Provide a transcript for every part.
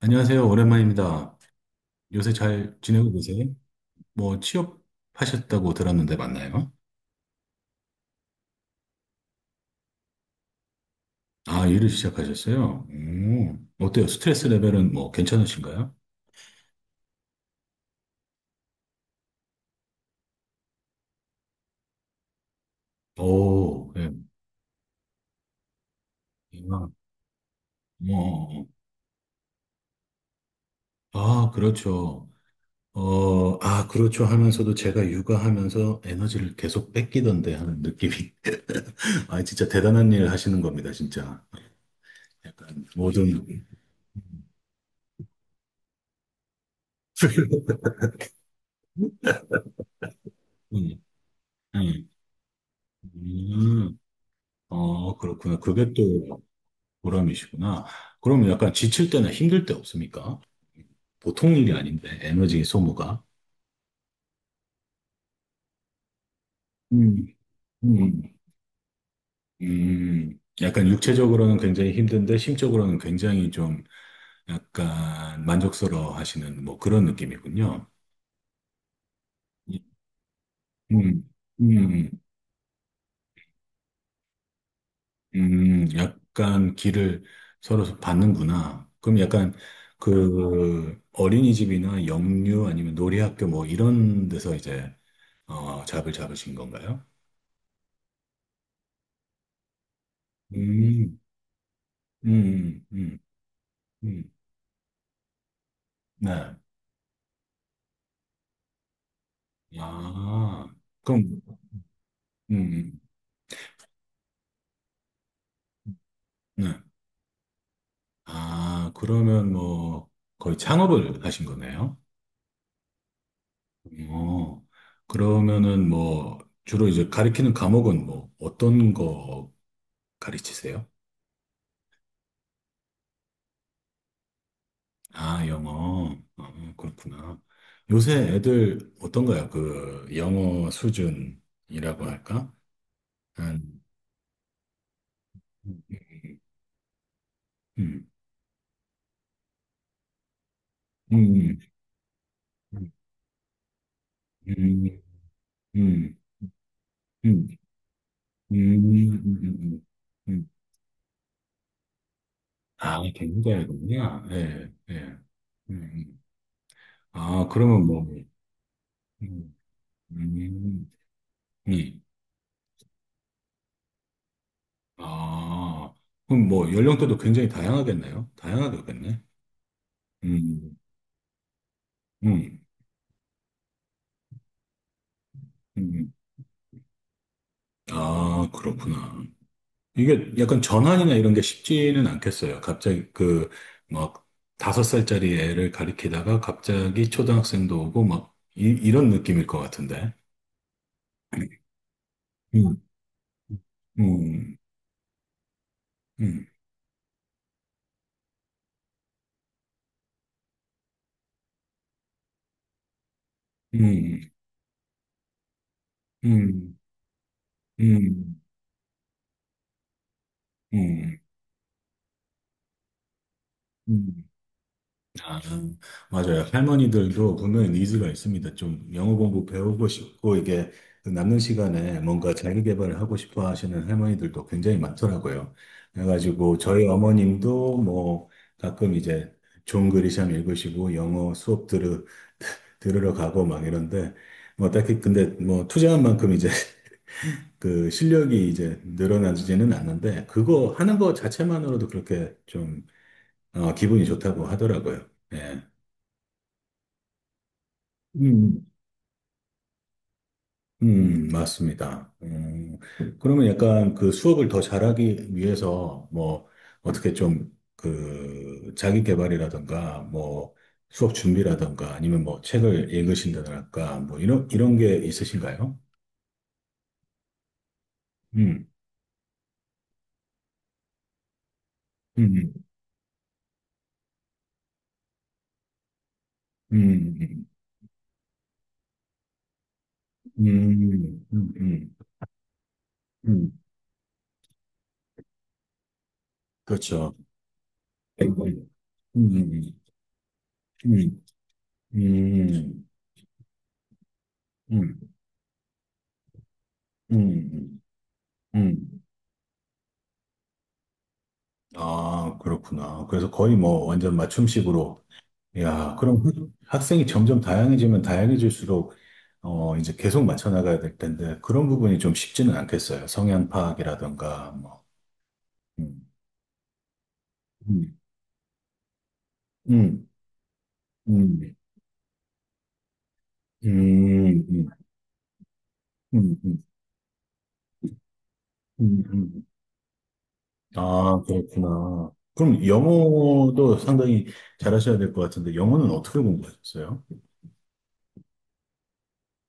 안녕하세요. 오랜만입니다. 요새 잘 지내고 계세요? 뭐 취업하셨다고 들었는데 맞나요? 아, 일을 시작하셨어요? 어때요? 스트레스 레벨은 뭐 괜찮으신가요? 오, 예. 아, 뭐, 아, 그렇죠. 그렇죠 하면서도 제가 육아하면서 에너지를 계속 뺏기던데 하는 느낌이. 아, 진짜 대단한 일 하시는 겁니다, 진짜. 약간 모든, 음, 음, 음, 그렇구나. 그게 또 보람이시구나. 그럼 약간 지칠 때나 힘들 때 없습니까? 보통 일이 아닌데, 에너지 소모가. 음, 음, 약간 육체적으로는 굉장히 힘든데, 심적으로는 굉장히 좀 약간 만족스러워 하시는 뭐 그런 느낌이군요. 음, 음, 약간 길을 서로 받는구나. 그럼 약간 그 어린이집이나 영유 아니면 놀이학교 뭐 이런 데서 이제 어, 잡을 잡으신 건가요? 음, 음, 음, 음, 네. 아, 그럼, 음, 네. 아, 그러면 뭐, 거의 창업을 하신 거네요? 어, 그러면은 뭐, 주로 이제 가르키는 과목은 뭐, 어떤 거 가르치세요? 아, 영어. 그렇구나. 요새 애들 어떤가요? 그, 영어 수준이라고 할까? 한, 음, 음, 음, 음, 음. 음. 음, 음, 음, 음. 음. 아, 갱자군요, 예, 예. 음. 음. 아, 그러면 뭐, 음, 음, 음. 아, 그럼 뭐, 연령대도 굉장히 다양하겠네요. 다양하겠네. 음, 음, 음. 아, 그렇구나. 이게 약간 전환이나 이런 게 쉽지는 않겠어요. 갑자기 그, 막, 5살짜리 애를 가리키다가 갑자기 초등학생도 오고, 막, 이런 느낌일 것 같은데. 음, 음, 음. 음, 음, 음, 음, 음. 아, 맞아요. 할머니들도 분명히 니즈가 있습니다. 좀 영어 공부 배우고 싶고, 이게 남는 시간에 뭔가 자기 개발을 하고 싶어 하시는 할머니들도 굉장히 많더라고요. 그래가지고 저희 어머님도 뭐 가끔 이제 존 그리샴 읽으시고 영어 수업 들으러 가고 막 이런데, 뭐 딱히 근데 뭐 투자한 만큼 이제 그 실력이 이제 늘어나지는 않는데 그거 하는 거 자체만으로도 그렇게 좀 기분이 좋다고 하더라고요. 예. 음. 맞습니다. 그러면 약간 그 수업을 더 잘하기 위해서 뭐 어떻게 좀 그 자기 개발이라든가 뭐 수업 준비라든가 아니면 뭐 책을 읽으신다랄까 뭐 이런 게 있으신가요? 음, 음, 음, 음, 음, 음, 음, 음, 음. 그렇죠. 아이고, 아이고. 음, 음, 음, 음, 음, 음. 음. 아, 그렇구나. 그래서 거의 뭐 완전 맞춤식으로. 야, 그럼 학생이 점점 다양해지면 다양해질수록 이제 계속 맞춰 나가야 될 텐데 그런 부분이 좀 쉽지는 않겠어요. 성향 파악이라든가 뭐. 음, 음, 음, 음, 음, 음, 음, 음, 음, 음, 음, 음. 아, 그렇구나. 그럼 영어도 상당히 잘하셔야 될 것 같은데, 영어는 어떻게 공부하셨어요?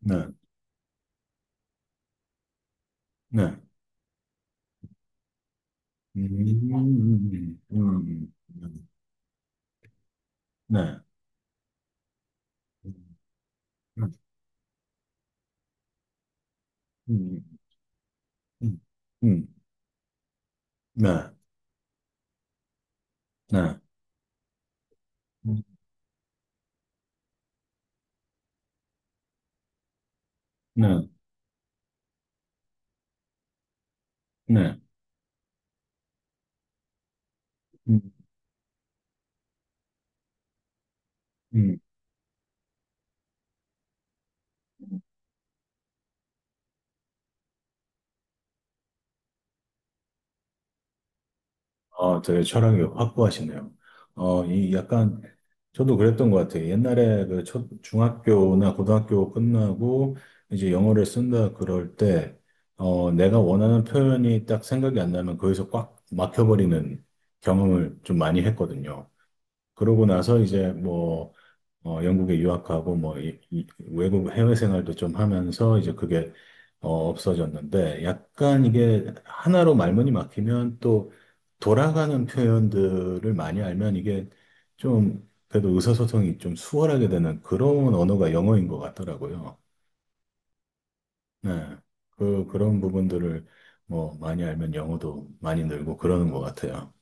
네, 네. 음, 음, 음, 음, 네. 음, 음, 음, 음, 네, 네, 음, 네, 네, 음, 음, 되게 철학이 확고하시네요. 어, 이 약간, 저도 그랬던 것 같아요. 옛날에 그 중학교나 고등학교 끝나고 이제 영어를 쓴다 그럴 때, 내가 원하는 표현이 딱 생각이 안 나면 거기서 꽉 막혀버리는 경험을 좀 많이 했거든요. 그러고 나서 이제 뭐, 영국에 유학하고 뭐 이 외국 해외 생활도 좀 하면서 이제 그게 없어졌는데, 약간 이게 하나로 말문이 막히면 또 돌아가는 표현들을 많이 알면 이게 좀 그래도 의사소통이 좀 수월하게 되는 그런 언어가 영어인 것 같더라고요. 네. 그런 부분들을 뭐 많이 알면 영어도 많이 늘고 그러는 것 같아요.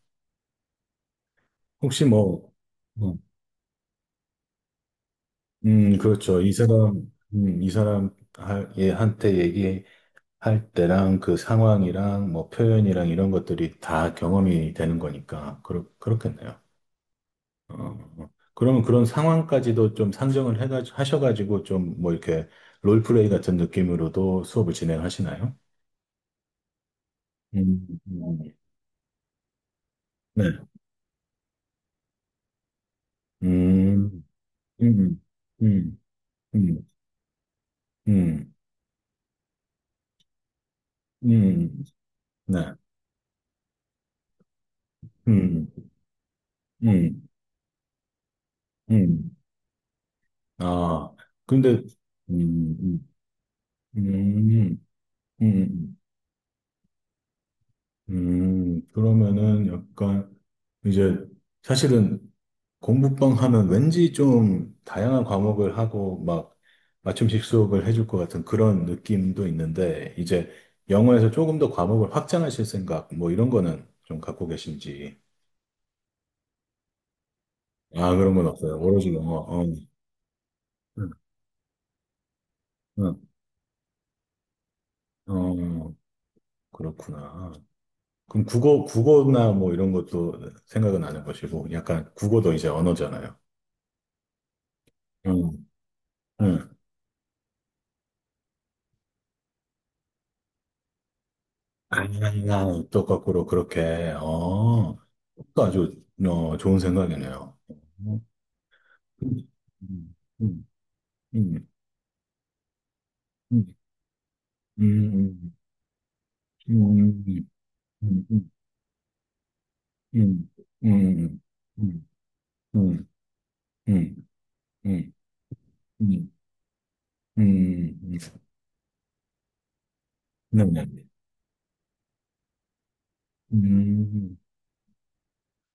혹시 뭐, 음, 그렇죠. 이 사람, 얘한테 얘기 할 때랑 그 상황이랑 뭐 표현이랑 이런 것들이 다 경험이 되는 거니까 그렇겠네요. 그러면 그런 상황까지도 좀 상정을 해가 하셔가지고 좀 뭐 이렇게 롤플레이 같은 느낌으로도 수업을 진행하시나요? 음, 음. 네. 음, 음, 음, 음, 음, 음, 네. 음, 음, 음. 아, 근데, 음, 음, 음, 음. 그러면은 약간 이제 사실은 공부방 하면 왠지 좀 다양한 과목을 하고 막 맞춤식 수업을 해줄 것 같은 그런 느낌도 있는데 이제 영어에서 조금 더 과목을 확장하실 생각 뭐 이런 거는 좀 갖고 계신지. 아, 그런 건 없어요. 오로지 영어. 어, 응, 응. 어, 그렇구나. 그럼 국어나 뭐 이런 것도 생각은 안 해보시고 약간 국어도 이제 언어잖아요. 응, 응. 아, 또 거꾸로 그렇게, 어, 또 아주, 좋은 생각이네요. 음, 음, 음, 음, 음, 음, 음, 음, 음, 음, 음, 음, 음, 음, 음, 음, 네, 네. 음,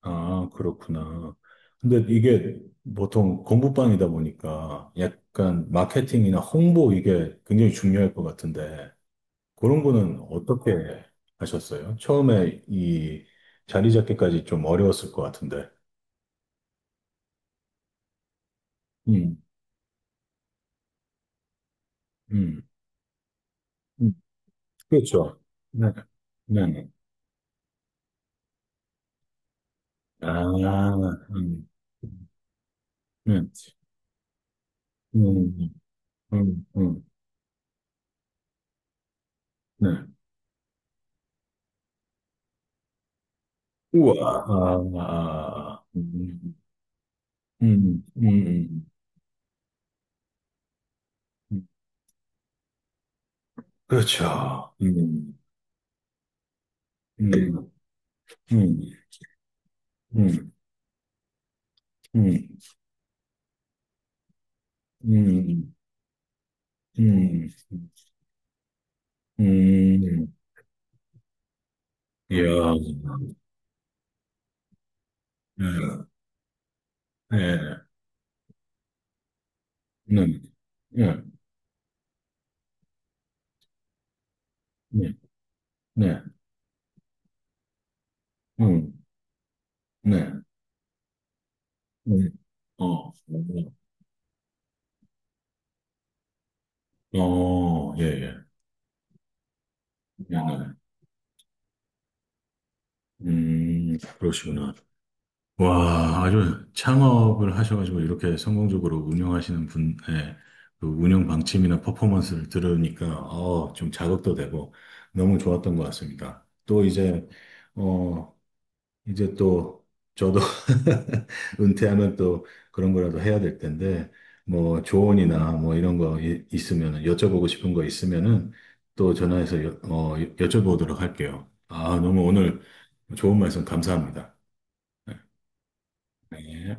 아, 그렇구나. 근데 이게 보통 공부방이다 보니까 약간 마케팅이나 홍보 이게 굉장히 중요할 것 같은데, 그런 거는 어떻게 하셨어요? 처음에 이 자리 잡기까지 좀 어려웠을 것 같은데. 음, 음, 음. 그렇죠. 네, 네, 네. 아, 음, 네, 음, 음, 음. 네. 우와, 아, 아, 음, 음, 음. 음. 그렇죠. 음, 음, 음, 음, 음, 음, 음, 음, 음. 이야, 네, 네. 네. 네. 네. 네. 음. 네. 음. 어. 어. 어, 예, 예. 네네. 그러시구나. 와, 아주 창업을 하셔가지고 이렇게 성공적으로 운영하시는 분의 그 운영 방침이나 퍼포먼스를 들으니까, 좀 자극도 되고 너무 좋았던 것 같습니다. 또 이제, 어, 이제 또 저도 은퇴하면 또 그런 거라도 해야 될 텐데 뭐 조언이나 뭐 이런 거 있으면 여쭤보고 싶은 거 있으면은 또 전화해서 여쭤보도록 할게요. 아, 너무 오늘 좋은 말씀 감사합니다. 네.